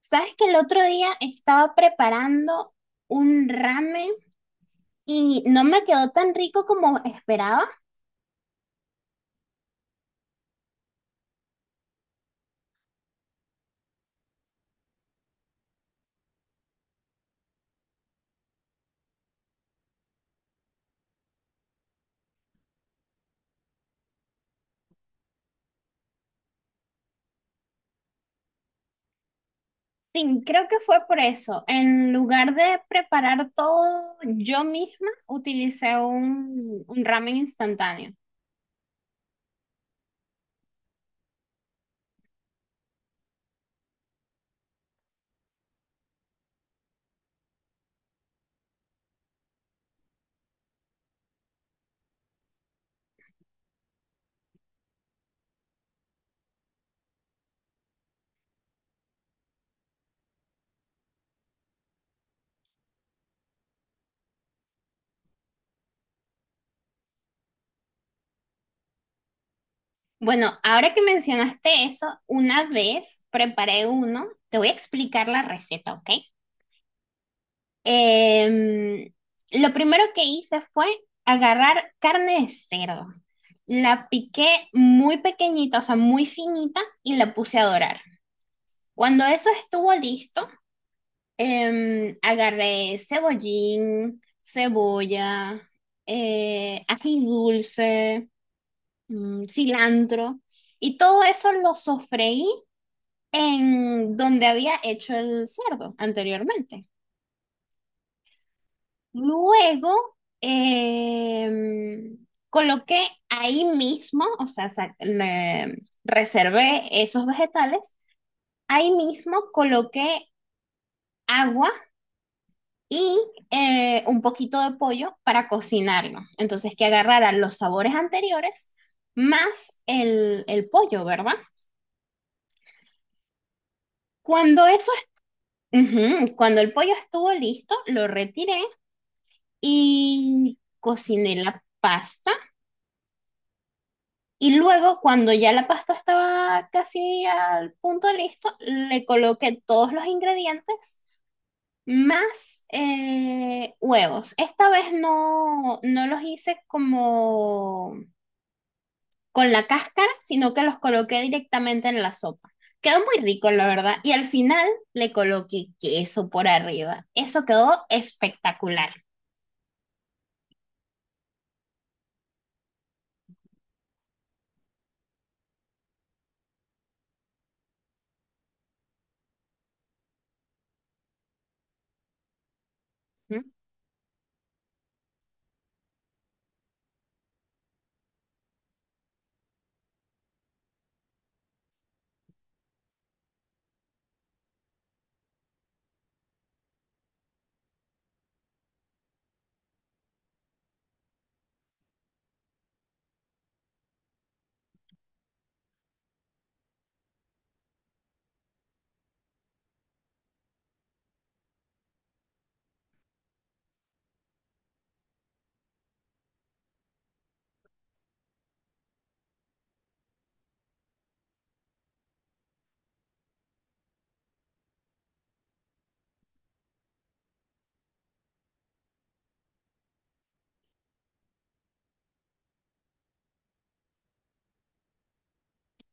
Sabes que el otro día estaba preparando un ramen y no me quedó tan rico como esperaba. Sí, creo que fue por eso. En lugar de preparar todo yo misma, utilicé un ramen instantáneo. Bueno, ahora que mencionaste eso, una vez preparé uno, te voy a explicar la receta, ¿ok? Em, lo primero que hice fue agarrar carne de cerdo. La piqué muy pequeñita, o sea, muy finita, y la puse a dorar. Cuando eso estuvo listo, agarré cebollín, cebolla, ají dulce, cilantro, y todo eso lo sofreí en donde había hecho el cerdo anteriormente. Luego coloqué ahí mismo, o sea, reservé esos vegetales. Ahí mismo coloqué agua y un poquito de pollo para cocinarlo. Entonces, que agarrara los sabores anteriores más el pollo, ¿verdad? Cuando eso, est- Ujú, cuando el pollo estuvo listo, lo retiré y cociné la pasta. Y luego, cuando ya la pasta estaba casi al punto de listo, le coloqué todos los ingredientes más huevos. Esta vez no los hice como con la cáscara, sino que los coloqué directamente en la sopa. Quedó muy rico, la verdad. Y al final le coloqué queso por arriba. Eso quedó espectacular.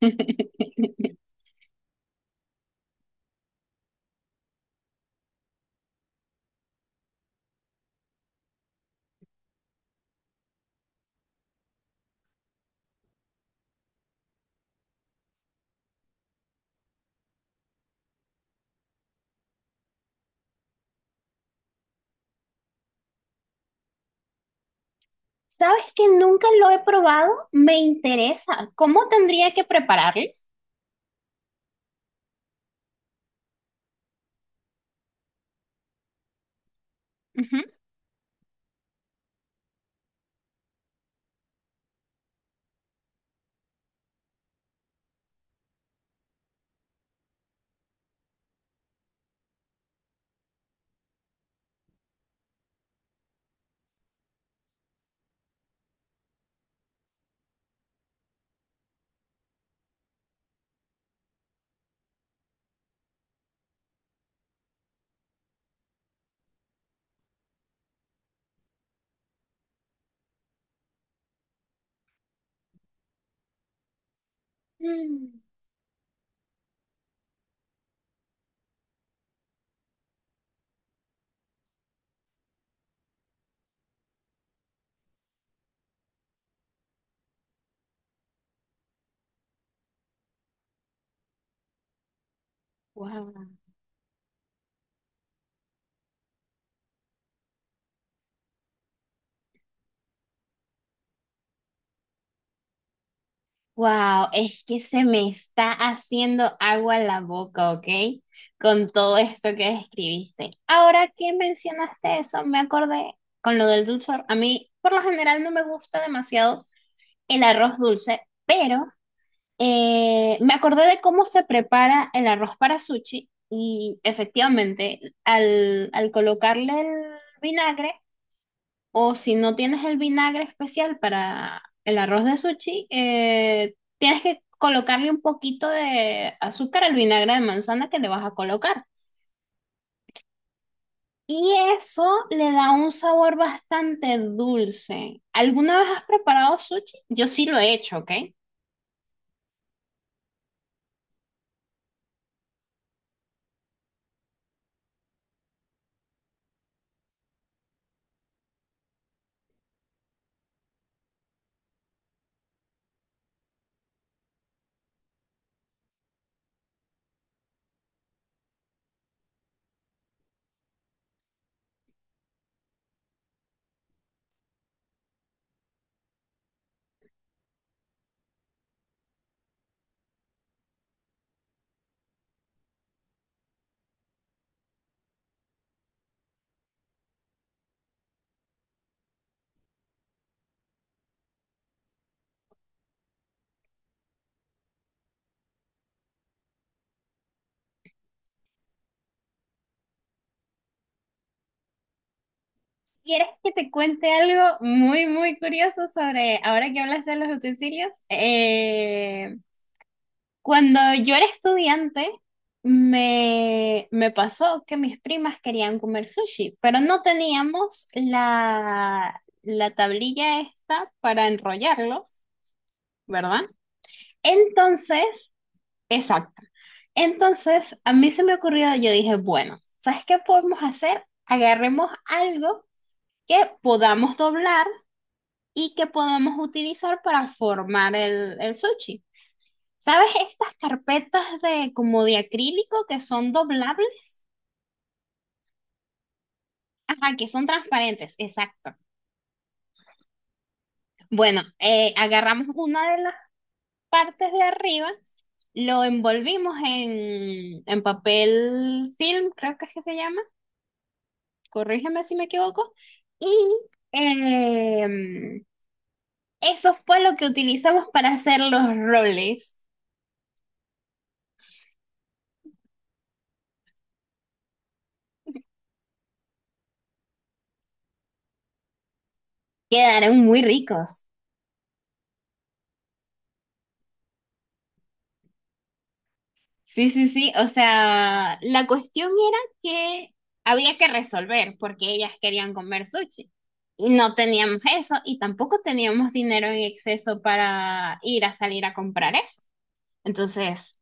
¿Sabes que nunca lo he probado? Me interesa. ¿Cómo tendría que prepararlo? Wow. Wow, es que se me está haciendo agua la boca, ¿ok? Con todo esto que describiste. Ahora que mencionaste eso, me acordé con lo del dulzor. A mí, por lo general, no me gusta demasiado el arroz dulce, pero me acordé de cómo se prepara el arroz para sushi y efectivamente, al colocarle el vinagre. O si no tienes el vinagre especial para el arroz de sushi, tienes que colocarle un poquito de azúcar al vinagre de manzana que le vas a colocar. Y eso le da un sabor bastante dulce. ¿Alguna vez has preparado sushi? Yo sí lo he hecho, ¿ok? ¿Quieres que te cuente algo muy, muy curioso sobre, ahora que hablas de los utensilios? Cuando yo era estudiante, me pasó que mis primas querían comer sushi, pero no teníamos la tablilla esta para enrollarlos, ¿verdad? Entonces, exacto. Entonces, a mí se me ocurrió, yo dije, bueno, ¿sabes qué podemos hacer? Agarremos algo que podamos doblar y que podamos utilizar para formar el sushi. ¿Sabes estas carpetas de como de acrílico que son doblables? Ajá, que son transparentes, exacto. Bueno, agarramos una de las partes de arriba, lo envolvimos en papel film, creo que es que se llama, corrígeme si me equivoco, y em, eso fue lo que utilizamos para hacer los roles. Quedaron muy ricos. Sí, sí, sí. O sea, la cuestión era que había que resolver porque ellas querían comer sushi. Y no teníamos eso y tampoco teníamos dinero en exceso para ir a salir a comprar eso. Entonces,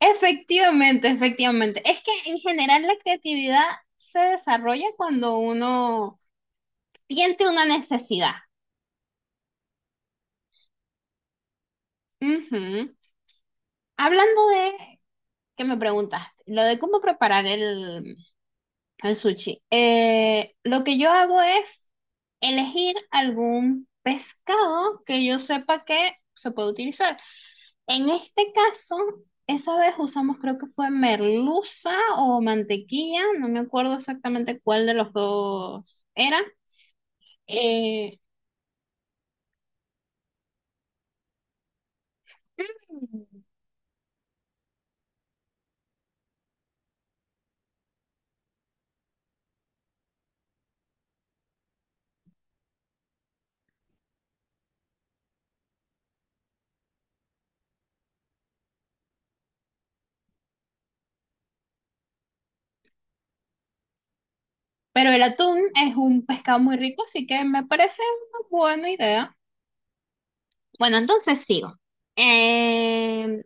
efectivamente, efectivamente. Es que en general la creatividad se desarrolla cuando uno siente una necesidad. Ujú. Hablando de, que me preguntaste, lo de cómo preparar el. El sushi. Lo que yo hago es elegir algún pescado que yo sepa que se puede utilizar. En este caso, esa vez usamos, creo que fue merluza o mantequilla, no me acuerdo exactamente cuál de los dos era. Eh, mm, pero el atún es un pescado muy rico, así que me parece una buena idea. Bueno, entonces sigo. Em,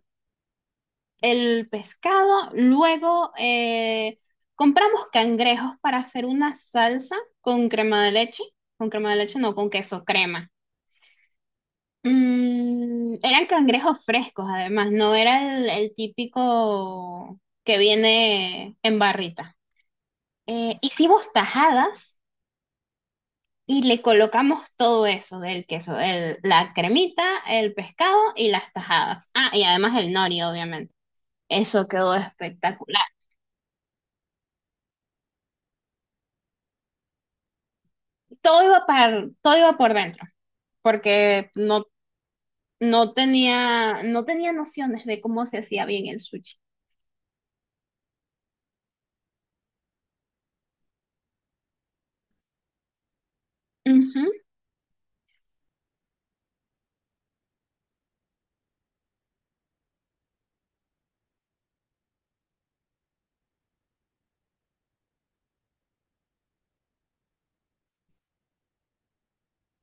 el pescado, luego compramos cangrejos para hacer una salsa con crema de leche, con crema de leche no, con queso crema. Mm, eran cangrejos frescos además, no era el típico que viene en barrita. Hicimos tajadas y le colocamos todo eso del queso, la cremita, el pescado y las tajadas. Ah, y además el nori, obviamente. Eso quedó espectacular. Todo iba para, todo iba por dentro, porque no, no tenía nociones de cómo se hacía bien el sushi. Ujú.